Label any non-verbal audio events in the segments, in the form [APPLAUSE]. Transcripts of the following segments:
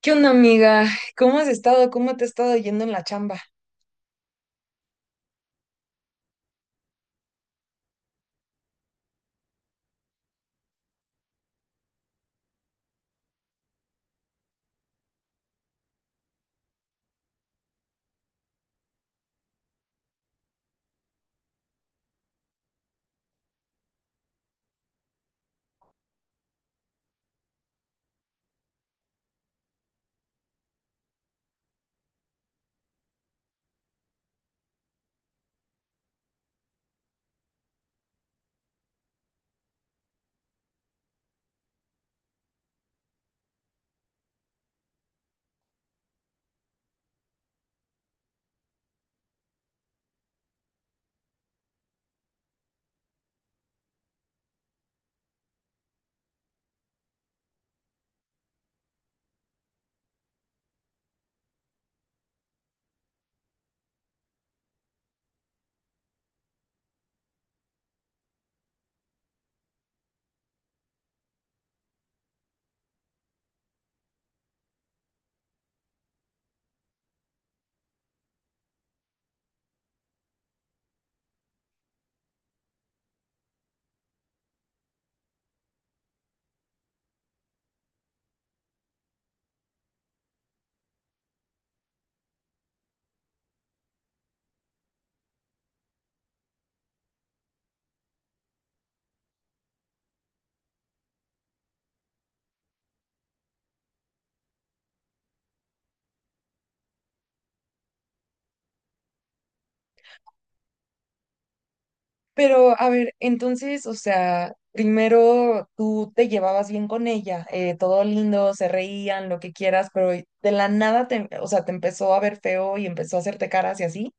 ¿Qué onda, amiga? ¿Cómo has estado? ¿Cómo te ha estado yendo en la chamba? Pero, a ver, entonces, o sea, primero tú te llevabas bien con ella, todo lindo, se reían, lo que quieras, pero de la nada o sea, te empezó a ver feo y empezó a hacerte caras y así.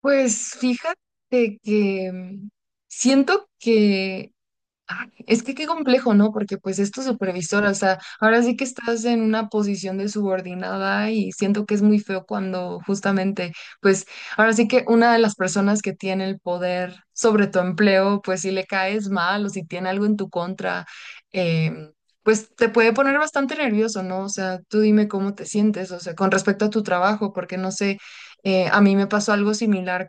Pues fíjate que siento que... Ah, es que qué complejo, ¿no? Porque pues es tu supervisora, o sea, ahora sí que estás en una posición de subordinada y siento que es muy feo cuando justamente, pues ahora sí que una de las personas que tiene el poder sobre tu empleo, pues si le caes mal o si tiene algo en tu contra, em, pues te puede poner bastante nervioso, ¿no? O sea, tú dime cómo te sientes, o sea, con respecto a tu trabajo, porque no sé, a mí me pasó algo similar.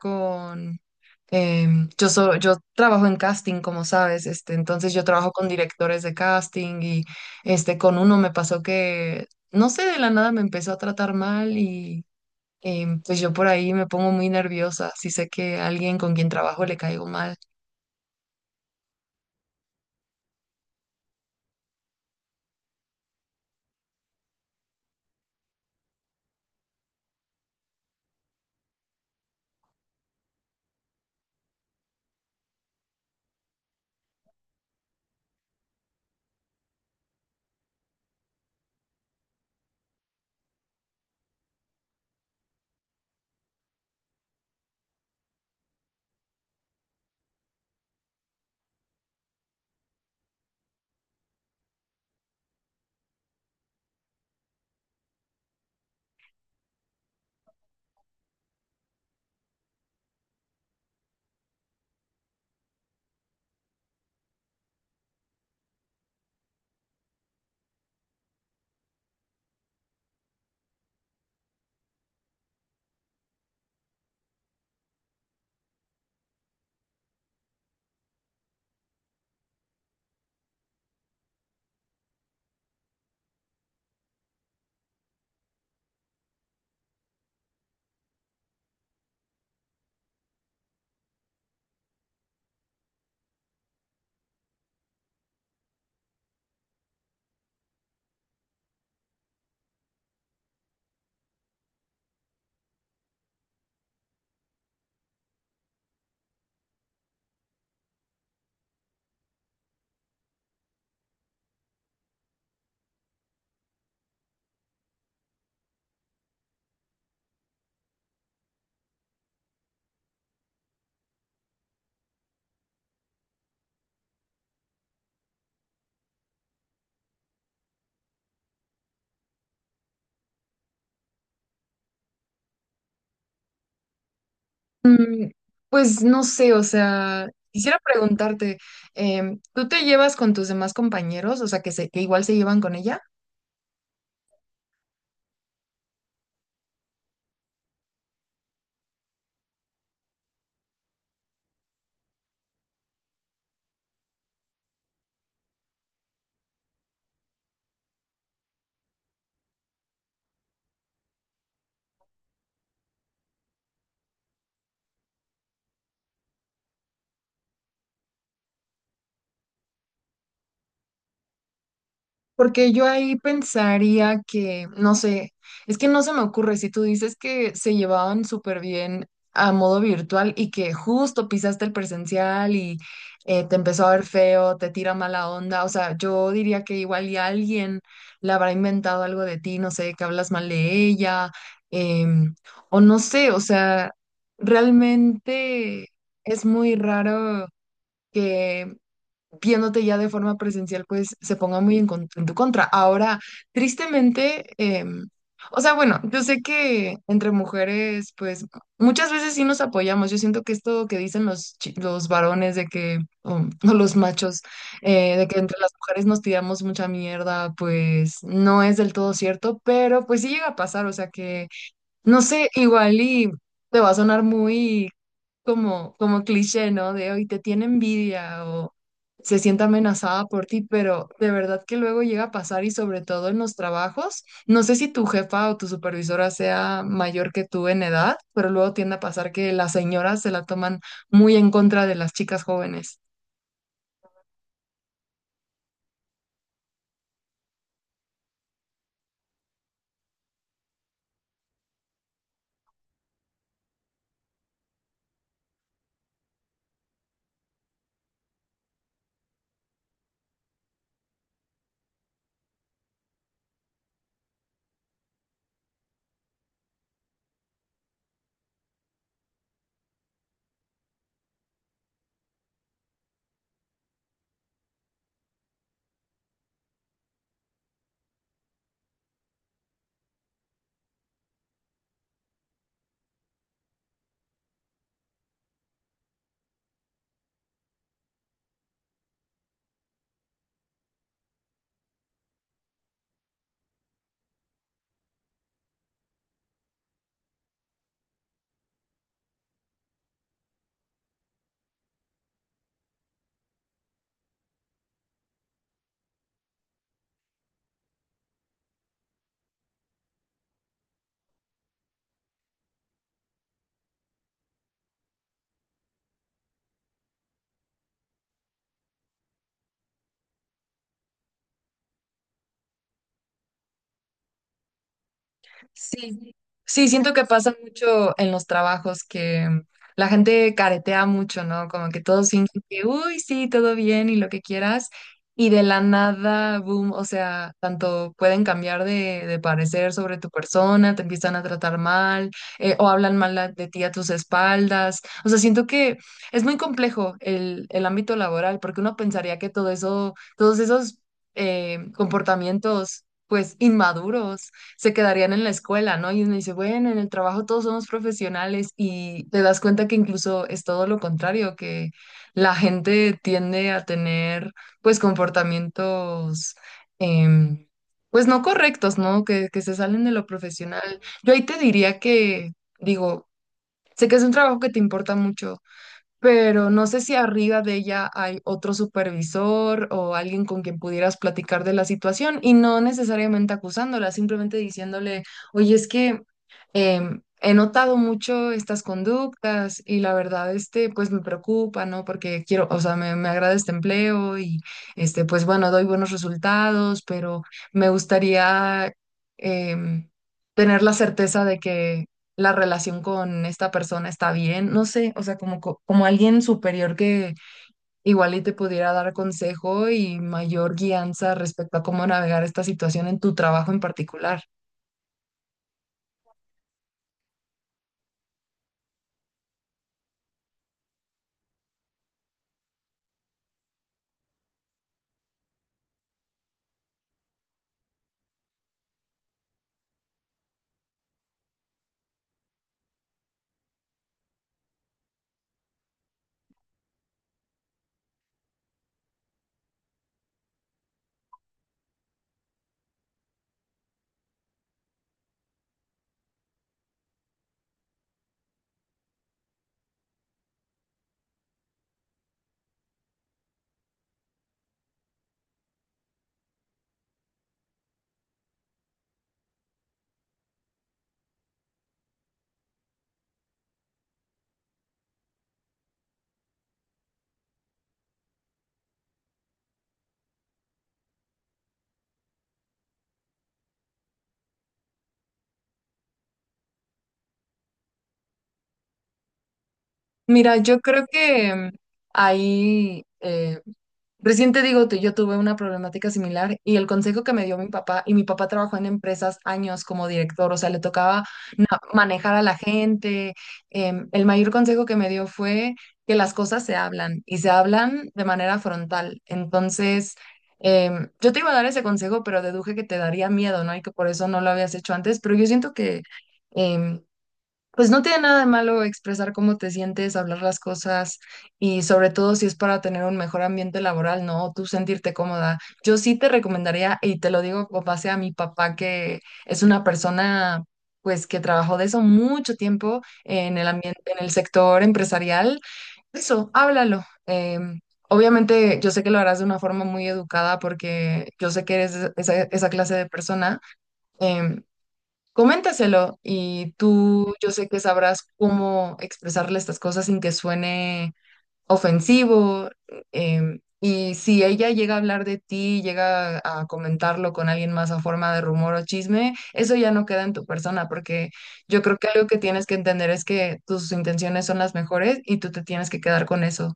Em, yo trabajo en casting, como sabes, este, entonces yo trabajo con directores de casting y este, con uno me pasó que, no sé, de la nada me empezó a tratar mal y pues yo por ahí me pongo muy nerviosa si sé que a alguien con quien trabajo le caigo mal. Mm, pues no sé, o sea, quisiera preguntarte, ¿tú te llevas con tus demás compañeros? O sea, que igual se llevan con ella. Porque yo ahí pensaría que, no sé, es que no se me ocurre si tú dices que se llevaban súper bien a modo virtual y que justo pisaste el presencial y te empezó a ver feo, te tira mala onda. O sea, yo diría que igual y alguien le habrá inventado algo de ti, no sé, que hablas mal de ella, em, o no sé, o sea, realmente es muy raro, que viéndote ya de forma presencial, pues se ponga muy en tu contra. Ahora, tristemente, em, o sea, bueno, yo sé que entre mujeres, pues muchas veces sí nos apoyamos. Yo siento que esto que dicen los varones de que, [LAUGHS] o los machos, de que entre las mujeres nos tiramos mucha mierda, pues no es del todo cierto, pero pues sí llega a pasar, o sea que, no sé, igual y te va a sonar muy como cliché, ¿no? De hoy te tiene envidia o se siente amenazada por ti, pero de verdad que luego llega a pasar y sobre todo en los trabajos. No sé si tu jefa o tu supervisora sea mayor que tú en edad, pero luego tiende a pasar que las señoras se la toman muy en contra de las chicas jóvenes. Sí, sí, siento que pasa mucho en los trabajos que la gente caretea mucho, ¿no? Como que todos fingen que, uy, sí, todo bien y lo que quieras, y de la nada, boom, o sea, tanto pueden cambiar de parecer sobre tu persona, te empiezan a tratar mal, o hablan mal a- de ti a tus espaldas. O sea, siento que es muy complejo el ámbito laboral, porque uno pensaría que todo eso, todos esos comportamientos, pues, inmaduros, se quedarían en la escuela, ¿no? Y uno dice, bueno, en el trabajo todos somos profesionales y te das cuenta que incluso es todo lo contrario, que la gente tiende a tener pues comportamientos em, pues no correctos, ¿no? Que se salen de lo profesional. Yo ahí te diría que, digo, sé que es un trabajo que te importa mucho, pero no sé si arriba de ella hay otro supervisor o alguien con quien pudieras platicar de la situación y no necesariamente acusándola, simplemente diciéndole, oye, es que he notado mucho estas conductas y la verdad, este, pues me preocupa, ¿no? Porque quiero, o sea, me agrada este empleo y, este, pues bueno, doy buenos resultados, pero me gustaría em, tener la certeza de que la relación con esta persona está bien, no sé, o sea, como alguien superior que igual y te pudiera dar consejo y mayor guianza respecto a cómo navegar esta situación en tu trabajo en particular. Mira, yo creo que ahí, recién te digo, yo tuve una problemática similar y el consejo que me dio mi papá, y mi papá trabajó en empresas años como director, o sea, le tocaba manejar a la gente. Em, el mayor consejo que me dio fue que las cosas se hablan y se hablan de manera frontal. Entonces, yo te iba a dar ese consejo, pero deduje que te daría miedo, ¿no? Y que por eso no lo habías hecho antes, pero yo siento que... em, pues no tiene nada de malo expresar cómo te sientes, hablar las cosas y sobre todo si es para tener un mejor ambiente laboral, ¿no? Tú sentirte cómoda. Yo sí te recomendaría, y te lo digo con base a mi papá, que es una persona pues que trabajó de eso mucho tiempo en el ambiente, en el sector empresarial. Eso, háblalo. Obviamente yo sé que lo harás de una forma muy educada porque yo sé que eres esa clase de persona. em, Coméntaselo y tú yo sé que sabrás cómo expresarle estas cosas sin que suene ofensivo. Y si ella llega a hablar de ti, llega a comentarlo con alguien más a forma de rumor o chisme, eso ya no queda en tu persona, porque yo creo que algo que tienes que entender es que tus intenciones son las mejores y tú te tienes que quedar con eso.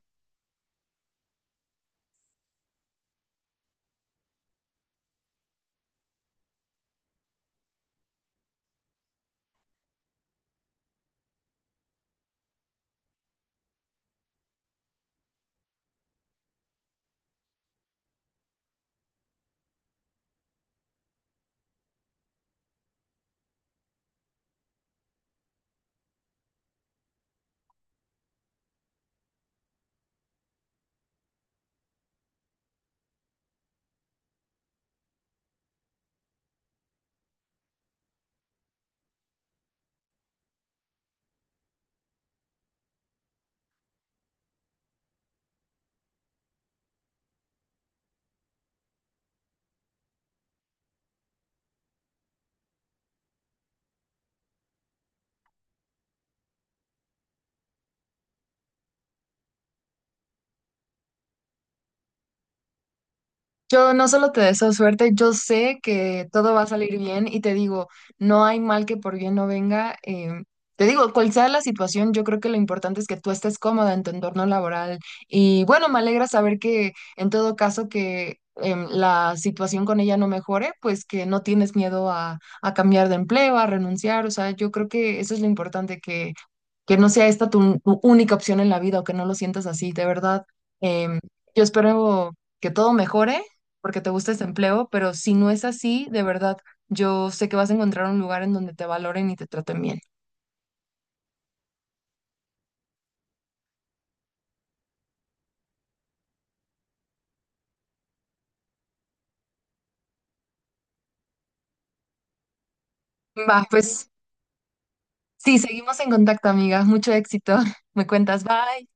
Yo no solo te deseo suerte, yo sé que todo va a salir bien y te digo, no hay mal que por bien no venga. Te digo, cual sea la situación, yo creo que lo importante es que tú estés cómoda en tu entorno laboral. Y bueno, me alegra saber que en todo caso que la situación con ella no mejore, pues que no tienes miedo a cambiar de empleo, a renunciar. O sea, yo creo que eso es lo importante, que no sea esta tu única opción en la vida o que no lo sientas así, de verdad. em, yo espero que todo mejore porque te gusta este empleo, pero si no es así, de verdad, yo sé que vas a encontrar un lugar en donde te valoren y te traten bien. Va, pues sí, seguimos en contacto, amiga. Mucho éxito. [LAUGHS] Me cuentas, bye.